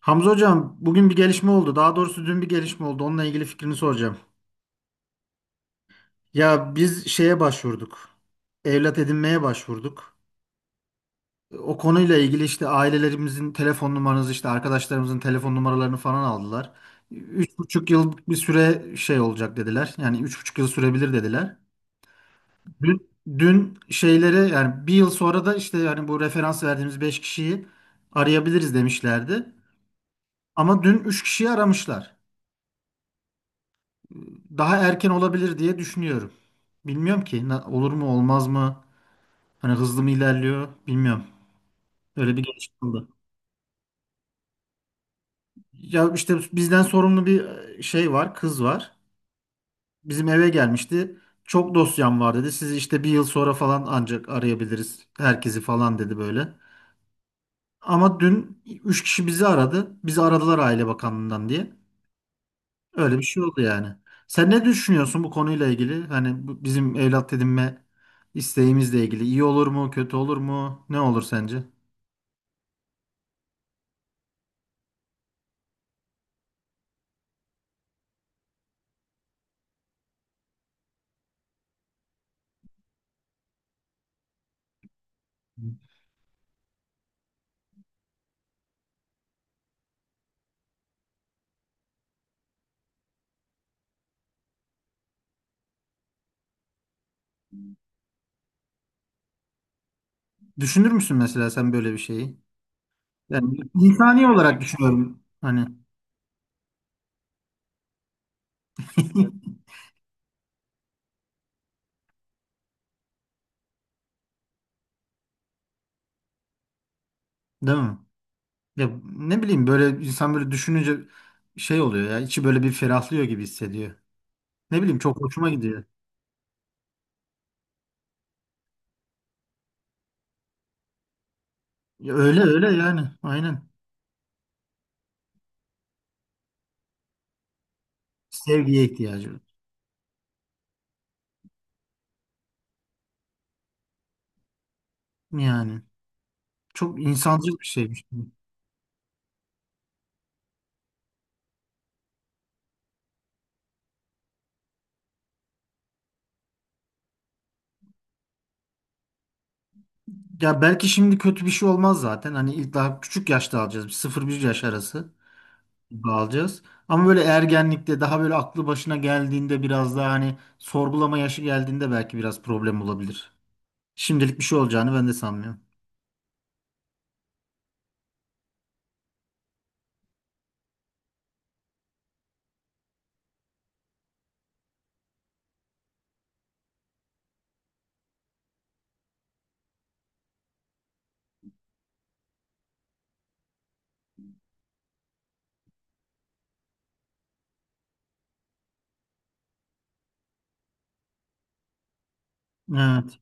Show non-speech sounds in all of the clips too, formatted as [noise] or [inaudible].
Hamza hocam bugün bir gelişme oldu. Daha doğrusu dün bir gelişme oldu. Onunla ilgili fikrini soracağım. Ya biz şeye başvurduk. Evlat edinmeye başvurduk. O konuyla ilgili işte ailelerimizin telefon numaranızı işte arkadaşlarımızın telefon numaralarını falan aldılar. 3,5 yıl bir süre şey olacak dediler. Yani 3,5 yıl sürebilir dediler. Dün, dün şeylere yani bir yıl sonra da işte yani bu referans verdiğimiz beş kişiyi arayabiliriz demişlerdi. Ama dün üç kişiyi aramışlar. Daha erken olabilir diye düşünüyorum. Bilmiyorum ki olur mu olmaz mı? Hani hızlı mı ilerliyor bilmiyorum. Öyle bir gelişme oldu. Ya işte bizden sorumlu bir şey var, kız var. Bizim eve gelmişti. Çok dosyam var dedi. Sizi işte bir yıl sonra falan ancak arayabiliriz herkesi falan dedi böyle. Ama dün 3 kişi bizi aradı. Bizi aradılar Aile Bakanlığı'ndan diye. Öyle bir şey oldu yani. Sen ne düşünüyorsun bu konuyla ilgili? Hani bu bizim evlat edinme isteğimizle ilgili. İyi olur mu, kötü olur mu? Ne olur sence? Düşünür müsün mesela sen böyle bir şeyi? Yani insani olarak düşünüyorum. Hani [laughs] değil mi? Ya ne bileyim böyle insan böyle düşününce şey oluyor ya içi böyle bir ferahlıyor gibi hissediyor. Ne bileyim çok hoşuma gidiyor. Ya öyle öyle yani aynen. Sevgiye ihtiyacı var. Yani çok insancıl bir şeymiş. Ya belki şimdi kötü bir şey olmaz zaten. Hani ilk daha küçük yaşta alacağız. Bir sıfır 1 yaş arası gibi alacağız. Ama böyle ergenlikte daha böyle aklı başına geldiğinde biraz daha hani sorgulama yaşı geldiğinde belki biraz problem olabilir. Şimdilik bir şey olacağını ben de sanmıyorum. Evet.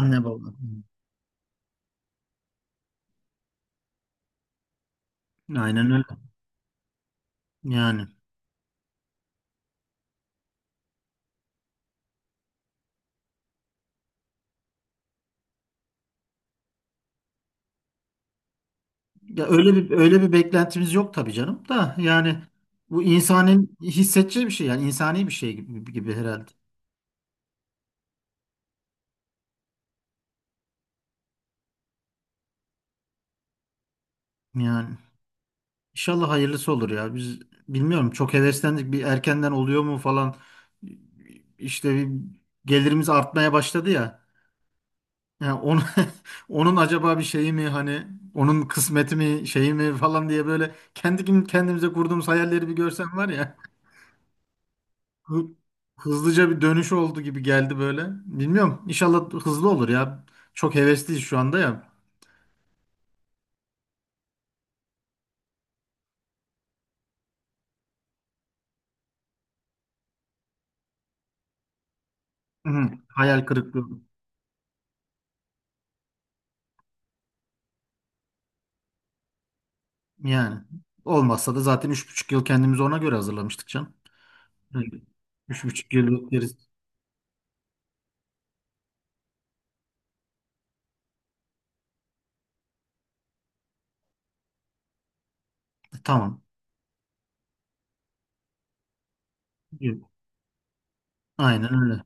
Anne baba. Aynen öyle. Yani ya öyle bir beklentimiz yok tabii canım da yani bu insanın hissedeceği bir şey yani insani bir şey gibi, gibi herhalde. Yani İnşallah hayırlısı olur ya. Biz bilmiyorum çok heveslendik. Bir erkenden oluyor mu falan. İşte bir gelirimiz artmaya başladı ya. Yani onu, [laughs] onun acaba bir şeyi mi hani onun kısmeti mi şeyi mi falan diye böyle kendi kendimize kurduğumuz hayalleri bir görsen var ya. Hı- Hızlıca bir dönüş oldu gibi geldi böyle. Bilmiyorum. İnşallah hızlı olur ya. Çok hevesliyiz şu anda ya. Hı, hayal kırıklığı yani. Olmazsa da zaten 3,5 yıl kendimizi ona göre hazırlamıştık canım. Hı. 3,5 yıllık gerisi. Tamam. Yok. Aynen öyle.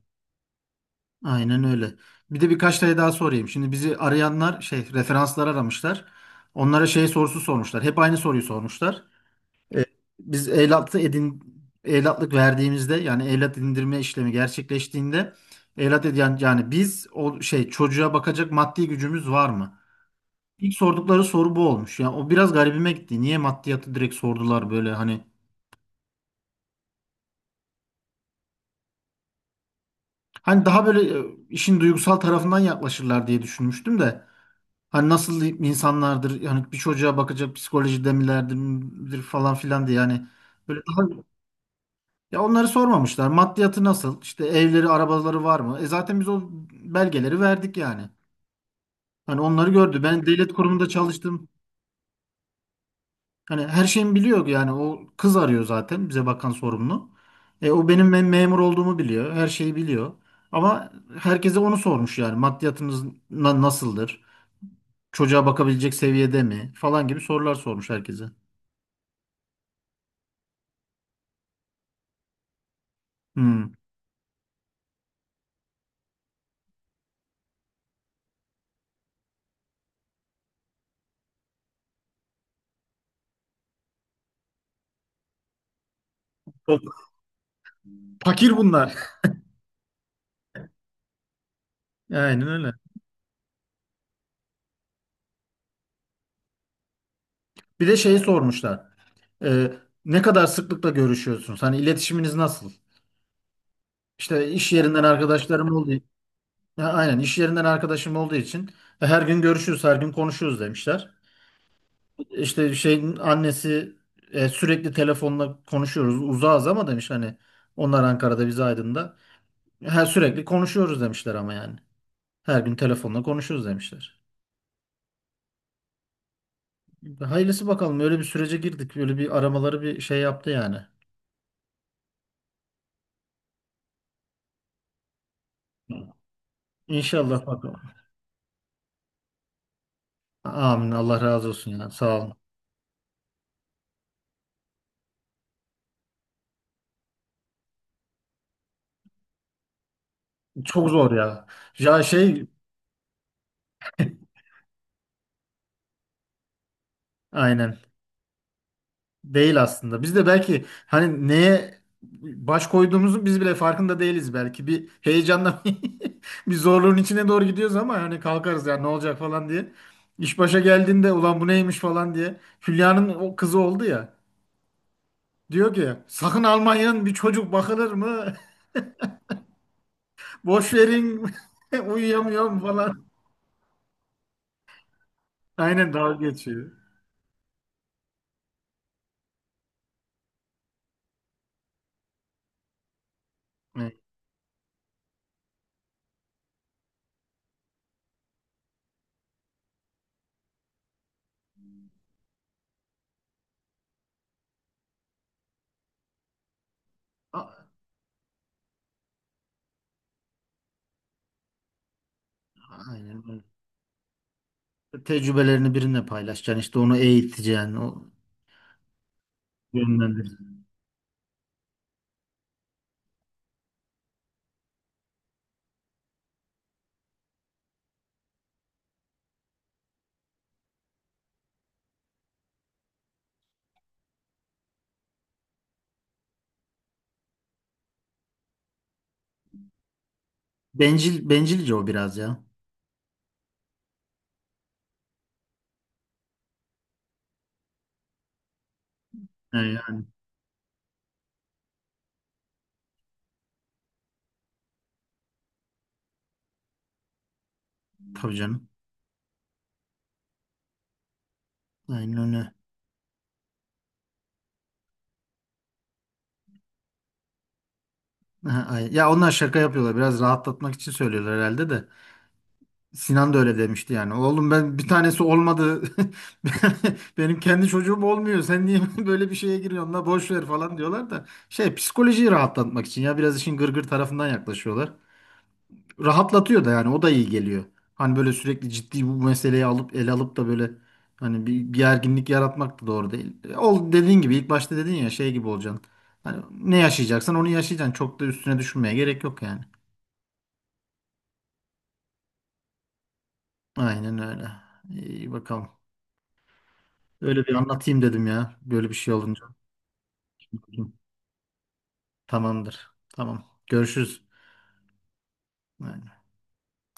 Aynen öyle. Bir de birkaç tane daha sorayım. Şimdi bizi arayanlar şey referanslar aramışlar. Onlara şey sorusu sormuşlar. Hep aynı soruyu sormuşlar. Ee, biz evlatlık verdiğimizde yani evlat edindirme işlemi gerçekleştiğinde evlat edin yani yani biz o şey çocuğa bakacak maddi gücümüz var mı? İlk sordukları soru bu olmuş. Yani o biraz garibime gitti. Niye maddiyatı direkt sordular böyle hani. Daha böyle işin duygusal tarafından yaklaşırlar diye düşünmüştüm de. Hani nasıl insanlardır yani bir çocuğa bakacak psikolojide milerdir midir falan filan diye yani böyle daha ya onları sormamışlar. Maddiyatı nasıl? İşte evleri, arabaları var mı? E zaten biz o belgeleri verdik yani. Hani onları gördü. Ben devlet kurumunda çalıştım. Hani her şeyimi biliyor yani o kız arıyor zaten bize bakan sorumlu. O benim memur olduğumu biliyor. Her şeyi biliyor. Ama herkese onu sormuş yani maddiyatınız nasıldır? Çocuğa bakabilecek seviyede mi falan gibi sorular sormuş herkese. Hmm. Çok fakir bunlar. [laughs] Aynen öyle. Bir de şeyi sormuşlar. Ee, ne kadar sıklıkla görüşüyorsunuz? Hani iletişiminiz nasıl? İşte iş yerinden arkadaşlarım olduğu. Ha, aynen, iş yerinden arkadaşım olduğu için her gün görüşüyoruz, her gün konuşuyoruz demişler. İşte şeyin annesi sürekli telefonla konuşuyoruz. Uzağız ama demiş hani onlar Ankara'da biz Aydın'da. Her sürekli konuşuyoruz demişler ama yani. Her gün telefonla konuşuyoruz demişler. Hayırlısı bakalım. Öyle bir sürece girdik. Öyle bir aramaları bir şey yaptı yani. İnşallah bakalım. Amin. Allah razı olsun ya. Sağ olun. Çok zor ya. Ya şey aynen değil aslında. Biz de belki hani neye baş koyduğumuzu biz bile farkında değiliz belki. Bir heyecanla [laughs] bir zorluğun içine doğru gidiyoruz ama hani kalkarız ya ne olacak falan diye. İş başa geldiğinde ulan bu neymiş falan diye. Hülya'nın o kızı oldu ya. Diyor ki sakın Almanya'nın bir çocuk bakılır mı? [laughs] Boş verin [laughs] uyuyamıyorum falan. Aynen dalga geçiyor. Evet. A- Aynen öyle. Tecrübelerini birine paylaşacaksın, işte onu eğiteceksin, o yönlendireceksin. Bencilce o biraz ya. Yani tabii canım. Aynen öyle. Aha, aynen. Ya onlar şaka yapıyorlar. Biraz rahatlatmak için söylüyorlar herhalde de. Sinan da öyle demişti yani. Oğlum ben bir tanesi olmadı. [laughs] Benim kendi çocuğum olmuyor. Sen niye [laughs] böyle bir şeye giriyorsun la boş ver falan diyorlar da. Şey psikolojiyi rahatlatmak için ya biraz işin gırgır tarafından yaklaşıyorlar. Rahatlatıyor da yani o da iyi geliyor. Hani böyle sürekli ciddi bu meseleyi alıp ele alıp da böyle hani bir gerginlik yaratmak da doğru değil. Ol dediğin gibi ilk başta dedin ya şey gibi olacaksın. Hani ne yaşayacaksan onu yaşayacaksın. Çok da üstüne düşünmeye gerek yok yani. Aynen öyle. İyi bakalım. Öyle bir anlatayım dedim ya. Böyle bir şey olunca. Tamamdır. Tamam. Görüşürüz. Aynen.